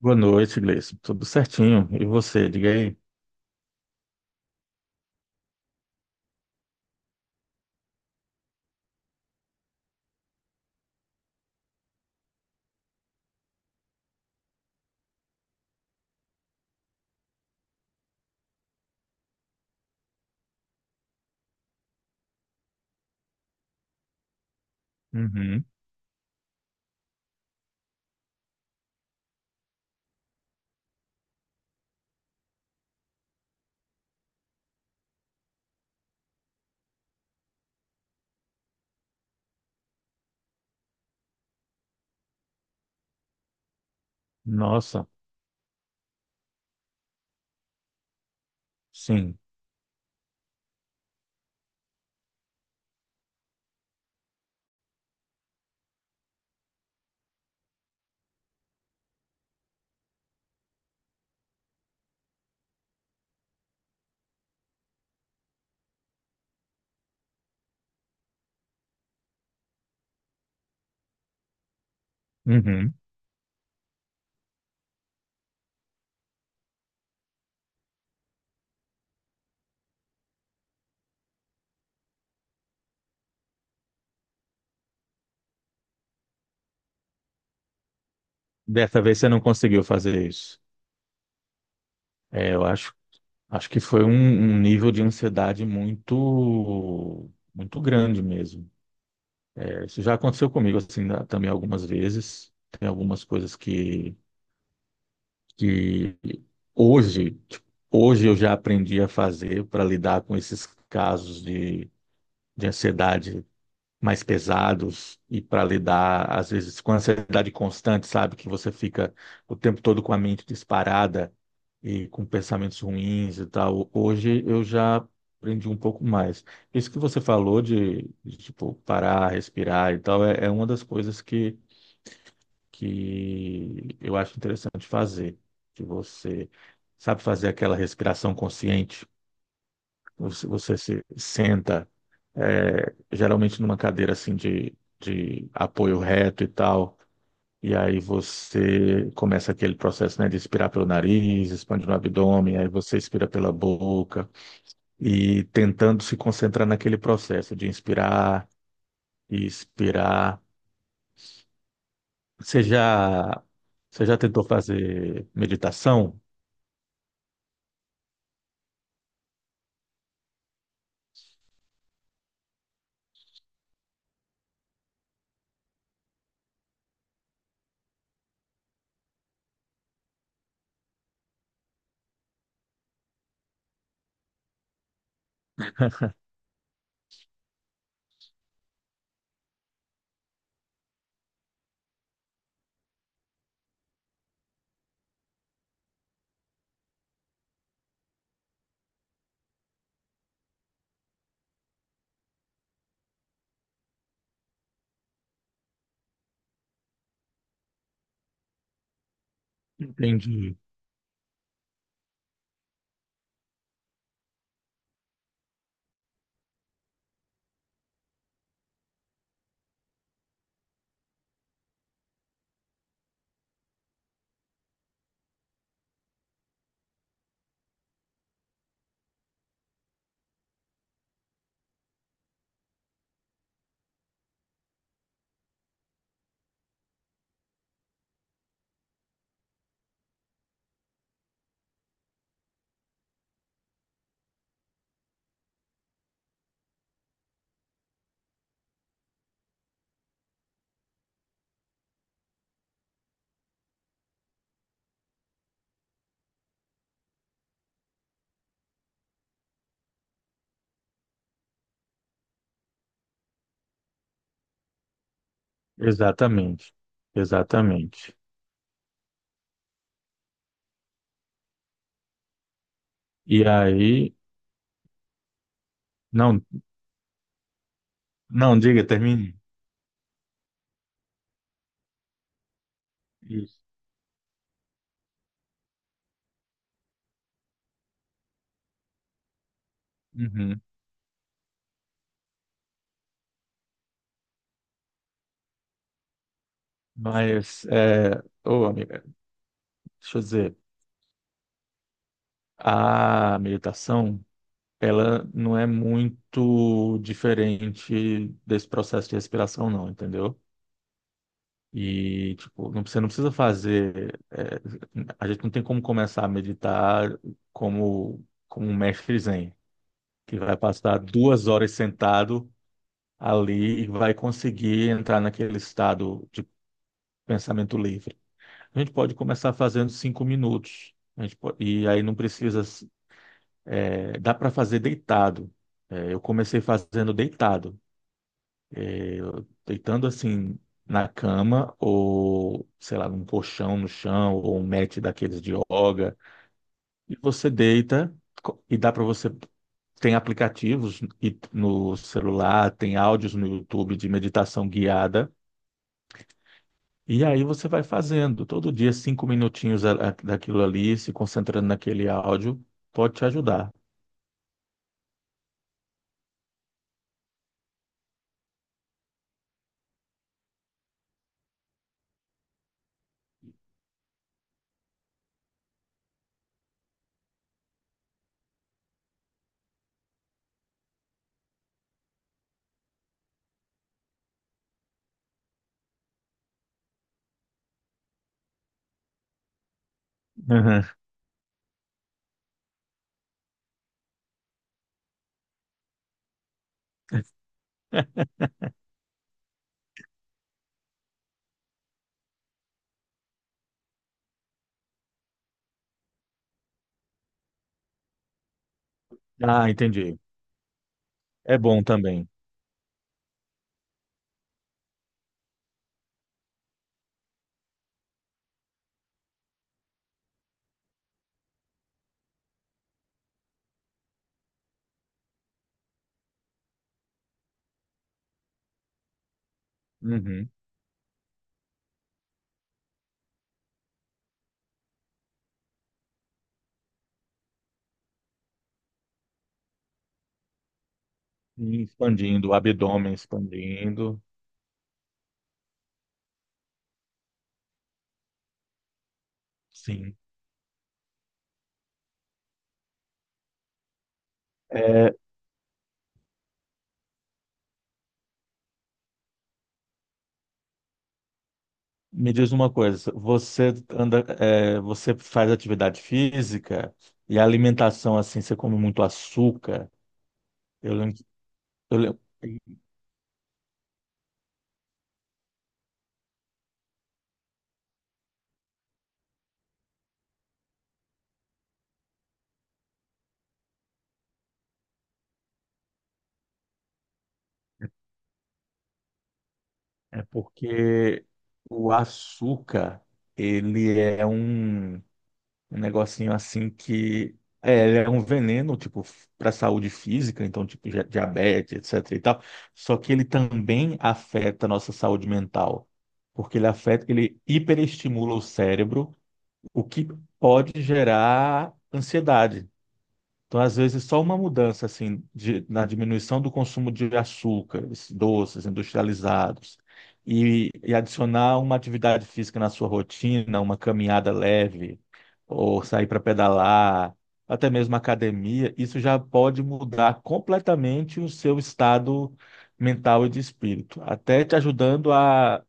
Boa noite, Gleison. Tudo certinho. E você, diga aí. Uhum. Nossa, sim. Uhum. Dessa vez você não conseguiu fazer isso. É, eu acho, acho que foi um nível de ansiedade muito grande mesmo. É, isso já aconteceu comigo assim também algumas vezes. Tem algumas coisas que hoje eu já aprendi a fazer para lidar com esses casos de ansiedade mais pesados e para lidar, às vezes, com ansiedade constante, sabe? Que você fica o tempo todo com a mente disparada e com pensamentos ruins e tal. Hoje eu já aprendi um pouco mais. Isso que você falou tipo, parar, respirar e tal, é uma das coisas que eu acho interessante fazer. Que você sabe fazer aquela respiração consciente, você se senta geralmente numa cadeira assim de apoio reto e tal. E aí você começa aquele processo, né, de expirar pelo nariz, expande no abdômen, aí você expira pela boca e tentando se concentrar naquele processo de inspirar e expirar. Você já, Você já tentou fazer meditação? Entendi. Exatamente, exatamente. E aí, não, não diga, termine. Isso. Uhum. Mas, ô amiga, deixa eu dizer, a meditação, ela não é muito diferente desse processo de respiração, não, entendeu? E, tipo, não, você não precisa fazer, a gente não tem como começar a meditar como um mestre zen, que vai passar 2 horas sentado ali e vai conseguir entrar naquele estado de pensamento livre. A gente pode começar fazendo 5 minutos. E aí não precisa. Dá para fazer deitado. É, eu comecei fazendo deitado, deitando assim na cama ou, sei lá, num colchão no chão ou um mat daqueles de yoga. E você deita e dá para você. Tem aplicativos no celular, tem áudios no YouTube de meditação guiada. E aí você vai fazendo todo dia cinco minutinhos daquilo ali, se concentrando naquele áudio, pode te ajudar. Uhum. Ah, entendi. É bom também. Uhum. E expandindo, o abdômen expandindo. Sim. É, me diz uma coisa, você anda, é, você faz atividade física e a alimentação assim, você come muito açúcar. Eu lembro, eu lembro- é porque o açúcar, ele é um. Um negocinho assim que é, ele é um veneno, tipo, para a saúde física, então, tipo, já- diabetes, etc e tal. Só que ele também afeta a nossa saúde mental, porque ele afeta, ele hiperestimula o cérebro, o que pode gerar ansiedade. Então, às vezes, só uma mudança assim de- na diminuição do consumo de açúcares, doces, industrializados, e adicionar uma atividade física na sua rotina, uma caminhada leve, ou sair para pedalar, até mesmo academia, isso já pode mudar completamente o seu estado mental e de espírito, até te ajudando a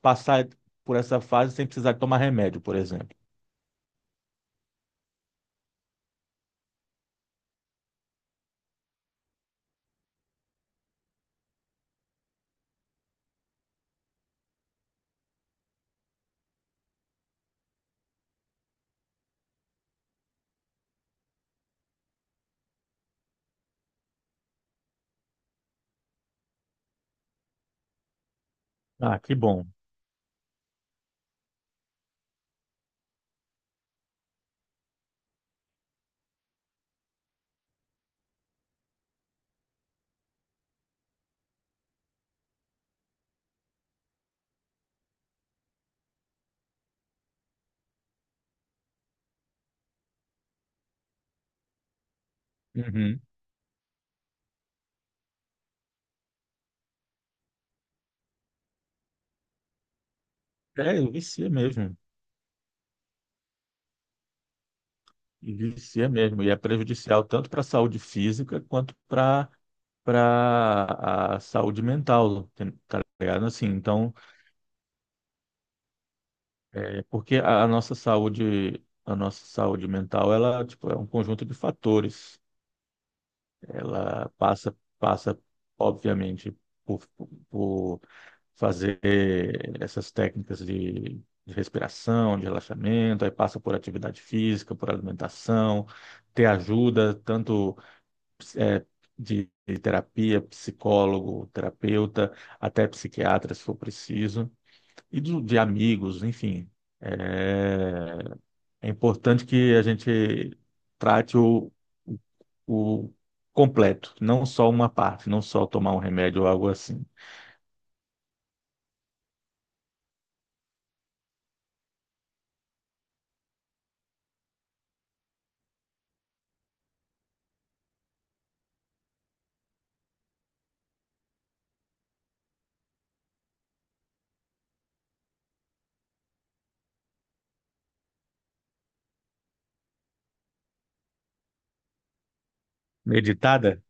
passar por essa fase sem precisar tomar remédio, por exemplo. Ah, que bom. Uhum. É, vicia mesmo. E vicia mesmo, e é prejudicial tanto para a saúde física quanto para a saúde mental, tá ligado? Assim, então, é porque a nossa saúde mental, ela, tipo, é um conjunto de fatores. Ela passa, obviamente, por, por fazer essas técnicas de respiração, de relaxamento, aí passa por atividade física, por alimentação, ter ajuda, tanto de terapia, psicólogo, terapeuta, até psiquiatra, se for preciso, e de amigos, enfim. É, é importante que a gente trate o o completo, não só uma parte, não só tomar um remédio ou algo assim. Meditada?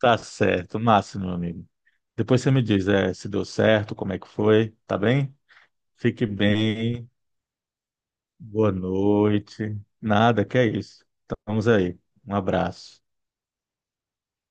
Tá certo, massa, meu amigo. Depois você me diz, é, se deu certo, como é que foi, tá bem? Fique bem. Boa noite. Nada, que é isso. Estamos aí. Um abraço.